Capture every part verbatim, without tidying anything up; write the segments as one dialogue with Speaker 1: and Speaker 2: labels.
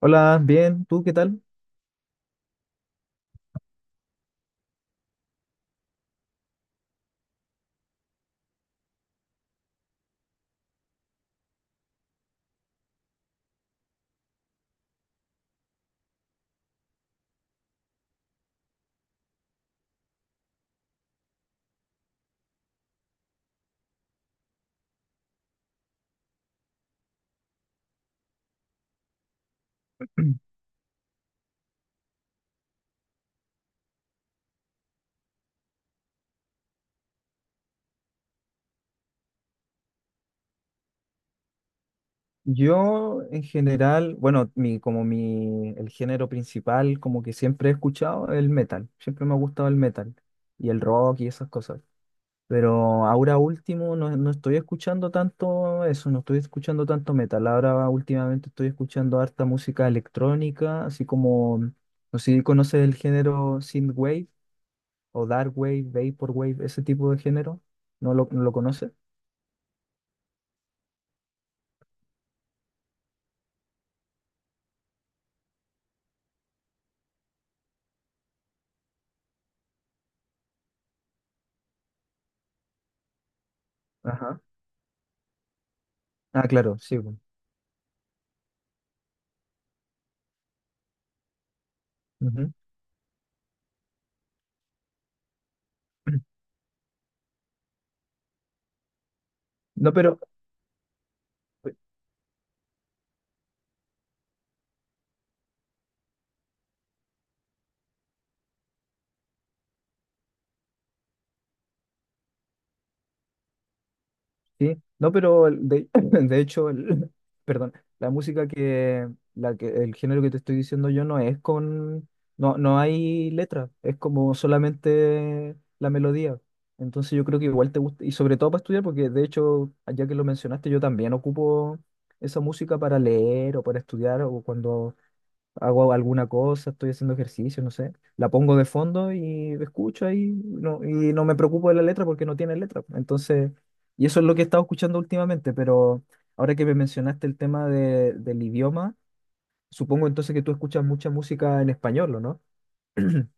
Speaker 1: Hola, bien, ¿tú qué tal? Yo en general, bueno, mi, como mi, el género principal, como que siempre he escuchado el metal, siempre me ha gustado el metal y el rock y esas cosas. Pero ahora último no, no estoy escuchando tanto eso, no estoy escuchando tanto metal. Ahora últimamente estoy escuchando harta música electrónica, así como, no sé si conoces el género synthwave o darkwave, vaporwave, ese tipo de género. ¿No lo, no lo conoces? Ajá. Ah, claro, sí, pues. No, pero, sí, no, pero el- de, de hecho, el, perdón, la música que, la que, el género que te estoy diciendo yo no es con, no, no hay letra, es como solamente la melodía. Entonces yo creo que igual te gusta, y sobre todo para estudiar, porque de hecho, ya que lo mencionaste, yo también ocupo esa música para leer o para estudiar o cuando hago alguna cosa, estoy haciendo ejercicio, no sé, la pongo de fondo y escucho ahí, no, y no me preocupo de la letra porque no tiene letra. Entonces, y eso es lo que he estado escuchando últimamente, pero ahora que me mencionaste el tema de- del idioma, supongo entonces que tú escuchas mucha música en español, ¿o no?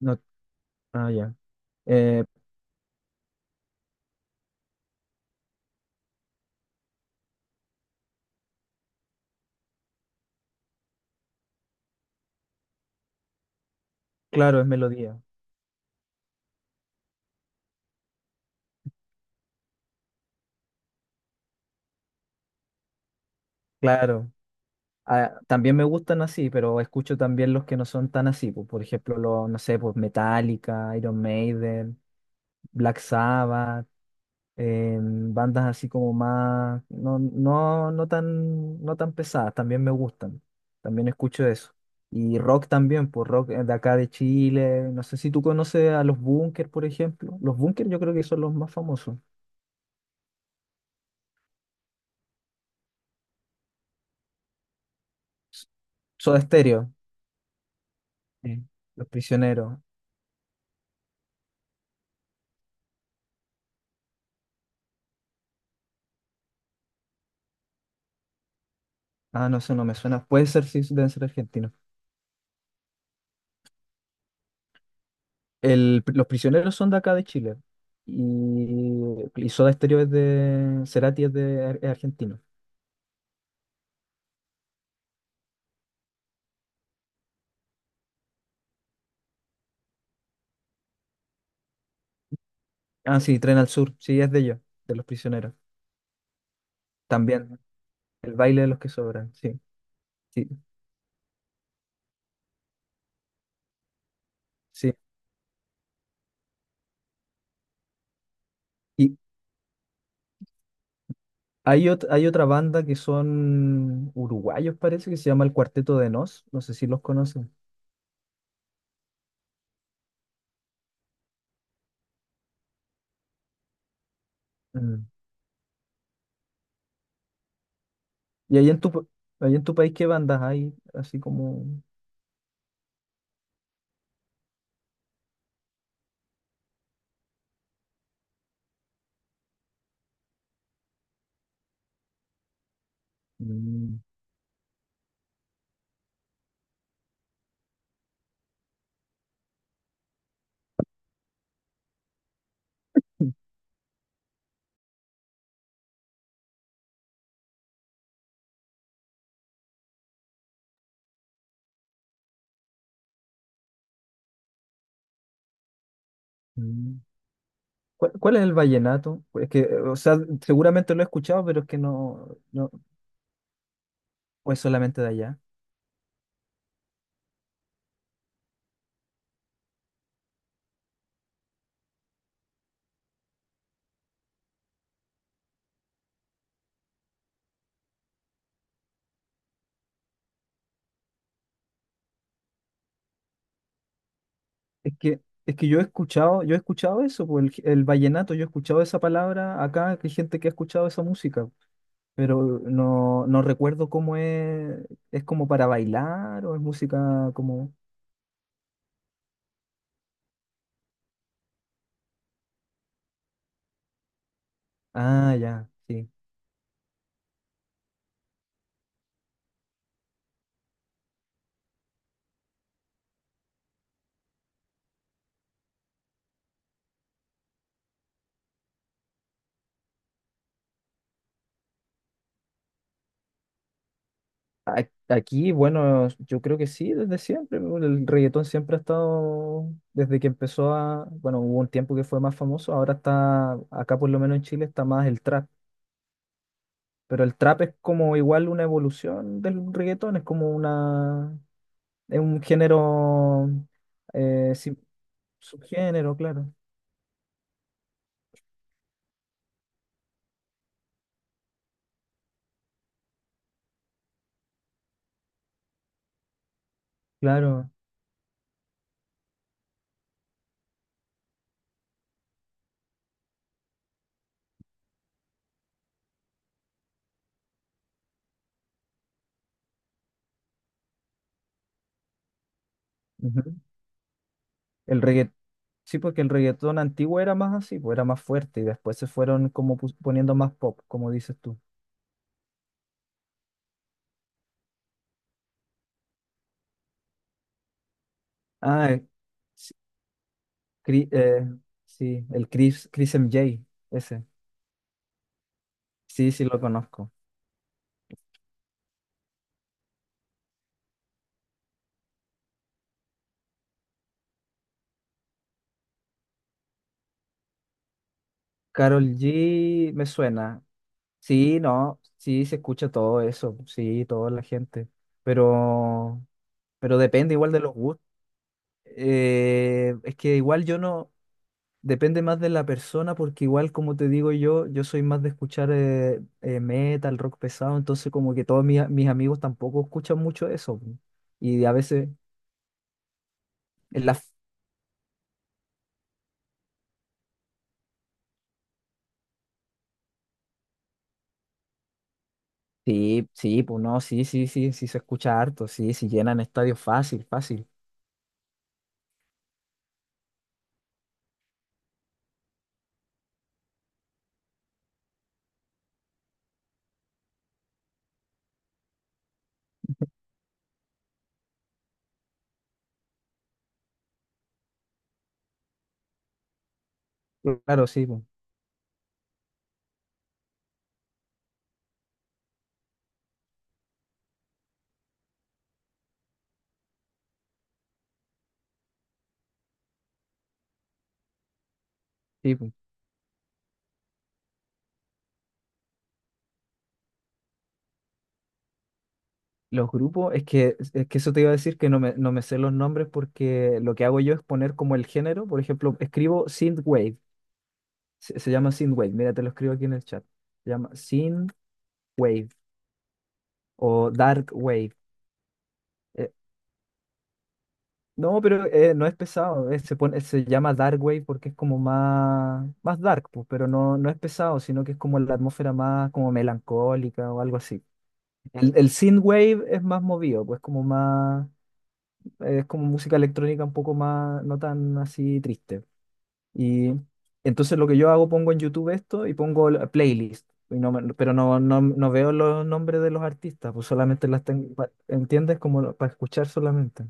Speaker 1: No, ah, ya. Eh, claro, es melodía. Claro, ah, también me gustan así, pero escucho también los que no son tan así, pues, por ejemplo, los, no sé, pues Metallica, Iron Maiden, Black Sabbath, eh, bandas así como más, no, no, no tan, no tan pesadas, también me gustan. También escucho eso. Y rock también, pues rock eh, de acá de Chile. No sé si tú conoces a los Bunkers, por ejemplo. Los Bunkers yo creo que son los más famosos. S- Soda Stereo. Sí. Los Prisioneros. Ah, no sé, no me suena. Puede ser, sí, deben ser argentinos. El, los prisioneros son de acá de Chile. Y, y Soda Stereo es de. Cerati es de ar- es argentino. Ah, sí, Tren al Sur. Sí, es de ellos, de los prisioneros. También. El baile de los que sobran. Sí, sí, sí. Y hay, ot- hay otra banda que son uruguayos, parece, que se llama el Cuarteto de Nos. No sé si los conocen. Mm. ¿Y ahí en tu, pa- ahí en tu país qué bandas hay? Así como. Mm, mm. ¿Cuál, cuál es el vallenato? Es que, o sea, seguramente lo he escuchado, pero es que no, no, o es solamente de allá. Es que, es que yo he escuchado, yo he escuchado eso, pues, el, g- el vallenato, yo he escuchado esa palabra acá, que hay gente que ha escuchado esa música, pero no, no recuerdo cómo es, es como para bailar o es música como, ah, ya, sí. a- Aquí, bueno, yo creo que sí, desde siempre. ¿No? El reggaetón siempre ha estado, desde que empezó a, bueno, hubo un tiempo que fue más famoso, ahora está, acá por lo menos en Chile está más el trap. Pero el trap es como igual una evolución del reggaetón, es como una, es un género, eh, sí, subgénero, claro. Claro. Ujú. El reggaetón, sí, porque el reggaetón antiguo era más así, pues era más fuerte y después se fueron como pus- poniendo más pop, como dices tú. Ah, eh, sí, Cri- eh, sí, el Chris, Chris eme jota, ese. Sí, sí lo conozco. Carol G me suena. Sí, no, sí se escucha todo eso, sí, toda la gente. Pero, pero depende igual de los gustos. Eh, es que igual yo no, depende más de la persona, porque igual como te digo yo, yo soy más de escuchar eh, eh, metal, rock pesado, entonces como que todos mis, mis amigos tampoco escuchan mucho eso. Y a veces en las. Sí, sí, pues no, sí, sí, sí, sí se escucha harto, sí, sí llenan estadios fácil, fácil. Claro, sí, pues, sí, pues. Los grupos, es que, es que eso te iba a decir que no me, no me sé los nombres porque lo que hago yo es poner como el género, por ejemplo, escribo synthwave, se, se llama synthwave, mira, te lo escribo aquí en el chat, se llama synthwave o dark wave, eh, no, pero eh, no es pesado. Eh, se pone, se llama Dark Wave porque es como más, más dark, pues, pero no, no es pesado, sino que es como la atmósfera más como melancólica o algo así. El, el synth Wave es más movido, pues como más, es como música electrónica un poco más, no tan así triste. Y entonces lo que yo hago, pongo en YouTube esto y pongo la playlist. Y no me- pero no, no, no veo los nombres de los artistas, pues solamente las tengo, pa- ¿entiendes? Como para escuchar solamente.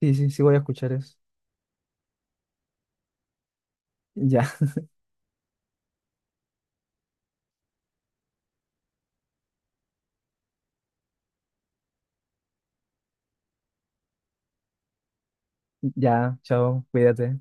Speaker 1: Sí, sí, sí voy a escuchar eso. Ya. Ya, chao, cuídate.